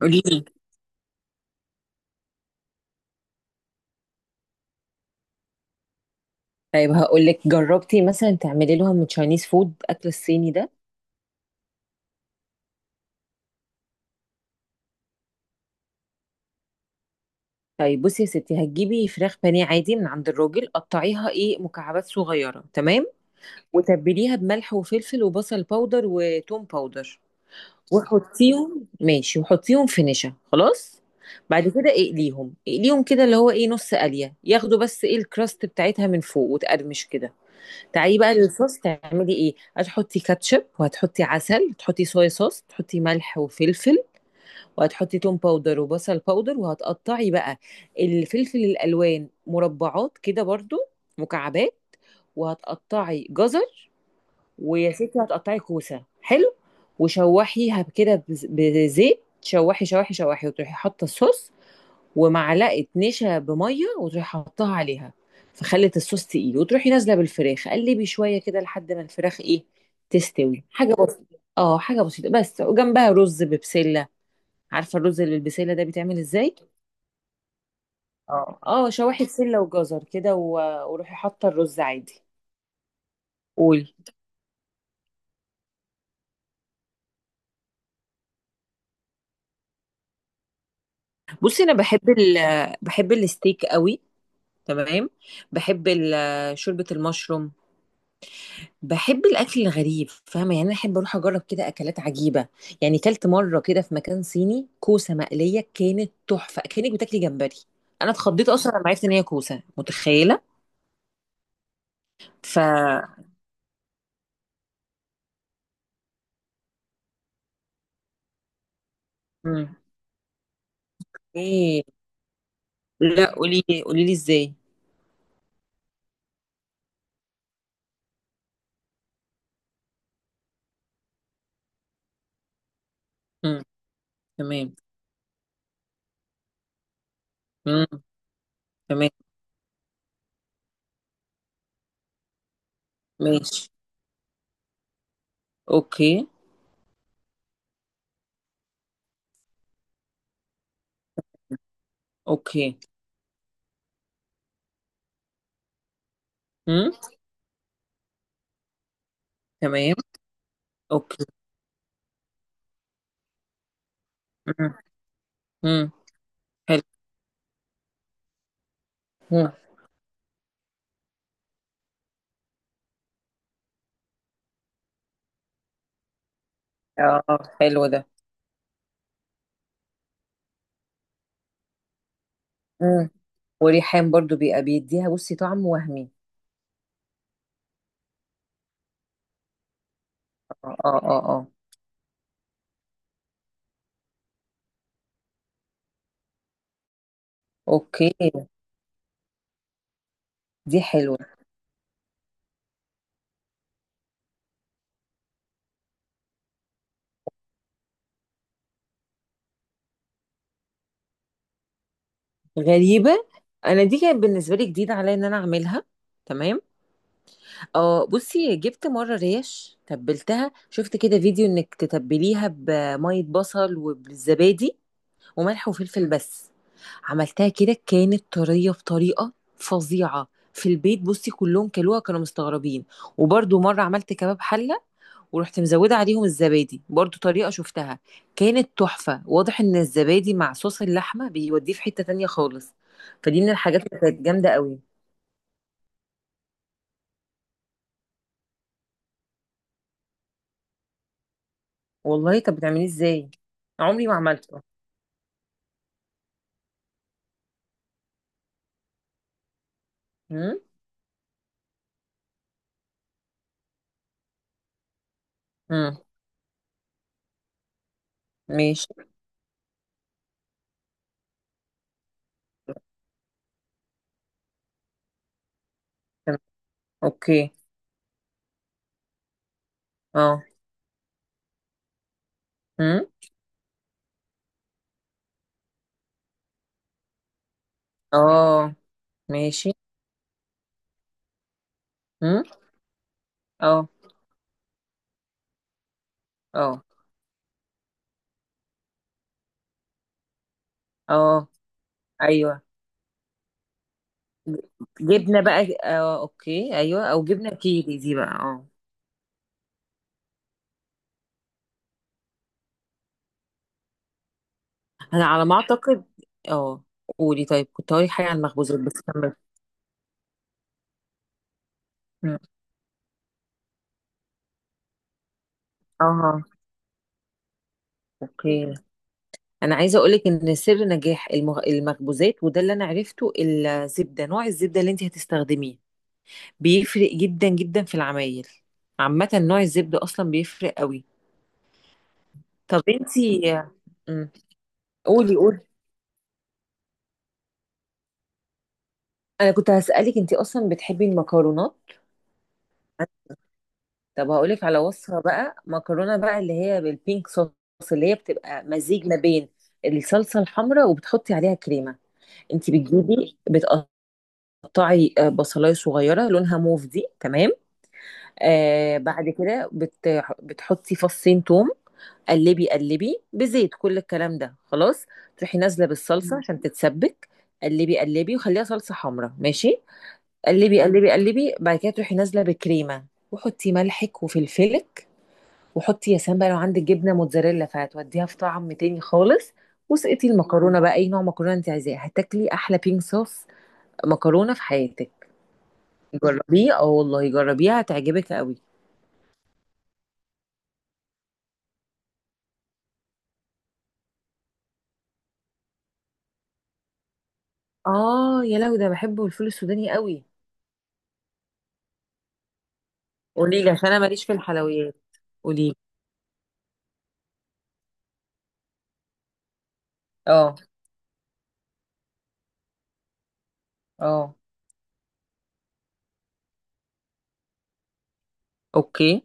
قولي لي. طيب، هقول لك جربتي مثلا تعملي لهم من تشاينيز فود، اكل الصيني ده. طيب بصي يا ستي، هتجيبي فراخ بانيه عادي من عند الراجل، قطعيها ايه مكعبات صغيره، تمام؟ وتبليها بملح وفلفل وبصل باودر وتوم باودر، وحطيهم ماشي، وحطيهم في نشا، خلاص. بعد كده اقليهم اقليهم كده، اللي هو ايه، نص قليه ياخدوا بس، ايه، الكراست بتاعتها من فوق وتقرمش كده. تعالي بقى للصوص، تعملي ايه، هتحطي كاتشب وهتحطي عسل، تحطي صويا صوص، تحطي ملح وفلفل، وهتحطي توم باودر وبصل باودر. وهتقطعي بقى الفلفل الالوان مربعات كده برضو، مكعبات. وهتقطعي جزر، ويا ستي هتقطعي كوسه، حلو. وشوحيها كده بزيت، شوحي شوحي شوحي، وتروحي حاطه الصوص ومعلقه نشا بميه، وتروحي حاطاها عليها، فخلت الصوص تقيل. وتروحي نازله بالفراخ، قلبي شويه كده لحد ما الفراخ ايه تستوي. حاجه بسيطه، حاجه بسيطه بس، وجنبها رز ببسله. عارفه الرز اللي بالبسله ده بيتعمل ازاي؟ اه اه، شواحي بسله وجزر كده وروحي حاطه الرز عادي. قولي. بصي انا بحب بحب الستيك قوي، تمام. بحب شوربه المشروم. بحب الاكل الغريب، فاهمه يعني؟ انا احب اروح اجرب كده اكلات عجيبه. يعني كلت مره كده في مكان صيني كوسه مقليه، كانت تحفه، كانك بتاكلي جمبري. انا اتخضيت اصلا لما عرفت ان هي كوسه، متخيله؟ ف مم. ايه. لا قولي، قولي لي ازاي. مم. تمام. امم. تمام. ماشي. اوكي. اوكي. امم. تمام. اوكي. امم. امم. حلو. امم. اه. حلو ده. امم. وريحان برضو بيبقى بيديها، بصي، طعم وهمي. اه اه اه اه. اوكي. دي حلوه. غريبه؟ انا دي كانت بالنسبه لي جديده عليا ان انا اعملها، تمام. اه بصي، جبت مره ريش، تبلتها، شفت كده فيديو انك تتبليها بميه بصل وبالزبادي وملح وفلفل بس. عملتها كده، كانت طرية بطريقة فظيعة في البيت. بصي كلهم كلوها، كانوا مستغربين. وبرضو مرة عملت كباب حلة، ورحت مزودة عليهم الزبادي، برضو طريقة شفتها. كانت تحفة. واضح ان الزبادي مع صوص اللحمة بيوديه في حتة تانية خالص. فدي من الحاجات اللي كانت جامدة قوي. والله؟ طب بتعمليه ازاي، عمري ما عملته. امم. امم. ماشي. تمام. اوكي. اه. امم. اه. ماشي. امم. اه. اه. اه. ايوه، جبنه بقى، اه اوكي، ايوه، او جبنه كيري دي بقى، اه. انا على ما اعتقد، اه. قولي. طيب كنت هقولي حاجه عن المخبوزات، بس كمل. مم. اه. اوكي. انا عايزه اقول لك ان سر نجاح المخبوزات، وده اللي انا عرفته، الزبده، نوع الزبده اللي انت هتستخدميه بيفرق جدا جدا في العمايل. عامه نوع الزبده اصلا بيفرق قوي. طب انت. قولي قولي. انا كنت هسالك، انت اصلا بتحبي المكرونات؟ طب هقولك على وصفة بقى مكرونة بقى، اللي هي بالبينك صوص، اللي هي بتبقى مزيج ما بين الصلصة الحمراء وبتحطي عليها كريمة. انت بتجيبي، بتقطعي بصلاية صغيرة لونها موف دي، تمام. بعد كده بتحطي فصين توم، قلبي قلبي بزيت، كل الكلام ده خلاص. تروحي نازلة بالصلصة، مم، عشان تتسبك. قلبي قلبي وخليها صلصة حمراء، ماشي. قلبي قلبي قلبي. بعد كده تروحي نازلة بكريمة، وحطي ملحك وفلفلك، وحطي يا سلام بقى لو عندك جبنه موتزاريلا، فهتوديها في طعم تاني خالص. وسقتي المكرونه بقى، اي نوع مكرونه انت عايزاه، هتاكلي احلى بينك صوص مكرونه في حياتك. جربيه، اه والله جربيها هتعجبك قوي. اه يا لو ده بحبه، الفول السوداني قوي. قولي لي، عشان انا ماليش في الحلويات. قولي لي. اه. اه. اوكي.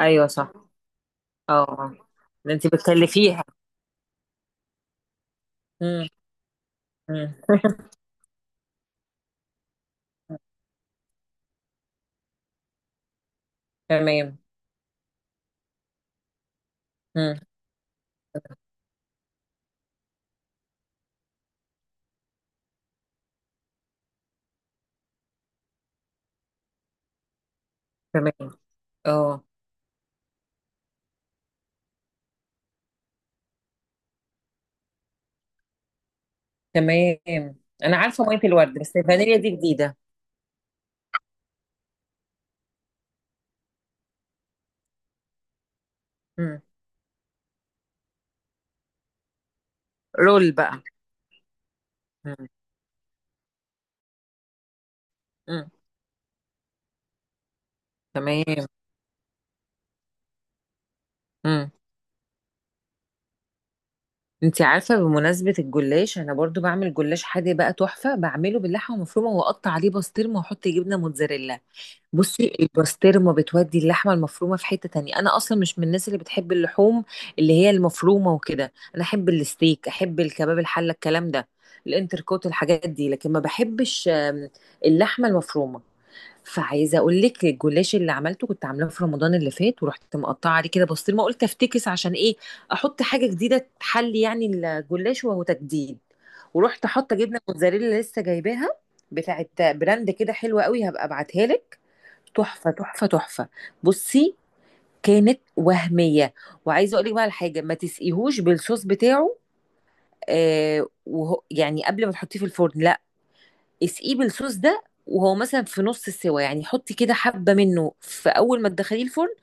ايوه، صح. اه. آه. ده انت بتكلفيها. امم. امم. تمام. امم. تمام. اه. تمام. انا عارفه ميه الورد، بس الفانيليا دي جديده. مم. رول بقى. مم. مم. تمام. مم. انت عارفه، بمناسبه الجلاش، انا برضو بعمل جلاش حادق بقى تحفه، بعمله باللحمه المفرومه واقطع عليه بسطرمه واحط جبنه موتزاريلا. بصي البسطرمه بتودي اللحمه المفرومه في حته تانية. انا اصلا مش من الناس اللي بتحب اللحوم، اللي هي المفرومه وكده. انا احب الستيك، احب الكباب الحله، الكلام ده، الانتركوت، الحاجات دي. لكن ما بحبش اللحمه المفرومه. فعايزه اقول لك، الجلاش اللي عملته كنت عاملاه في رمضان اللي فات، ورحت مقطعه عليه كده بسطرمه، قلت افتكس، عشان ايه، احط حاجه جديده تحلي يعني الجلاش، وهو تجديد. ورحت حاطه جبنه موتزاريلا لسه جايباها، بتاعت براند كده حلوه قوي، هبقى ابعتها لك. تحفة تحفة تحفة. بصي كانت وهمية. وعايزة اقول لك بقى على حاجة، ما تسقيهوش بالصوص بتاعه، وهو يعني قبل ما تحطيه في الفرن، لا. اسقيه بالصوص ده وهو مثلا في نص السوا، يعني حطي كده حبة منه في أول ما تدخليه الفرن،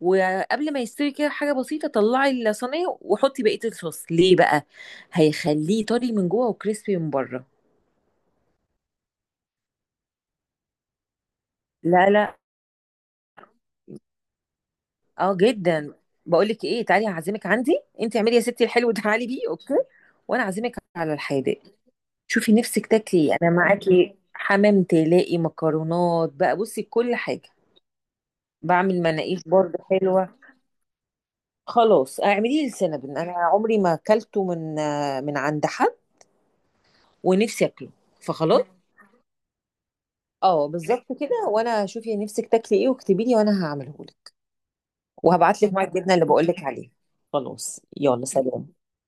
وقبل ما يستوي كده حاجة بسيطة، طلعي الصينية وحطي بقية الصوص ليه بقى. هيخليه طري من جوه وكريسبي من بره. لا لا. اه جدا. بقول لك ايه، تعالي هعزمك عندي، انت اعملي يا ستي الحلو ده، تعالي بيه، اوكي؟ وانا اعزمك على الحادق. شوفي نفسك تاكلي إيه. انا معاكي حمام تلاقي مكرونات بقى، بصي كل حاجه. بعمل مناقيش برضه حلوه. خلاص اعملي لي السينابون، انا عمري ما اكلته من من عند حد، ونفسي اكله، فخلاص. اه بالظبط كده. وانا شوفي نفسك تاكلي ايه، واكتبي لي، وانا هعمله لك. وهبعت لك مع الجبنه اللي بقول لك عليها. خلاص، يلا، سلام.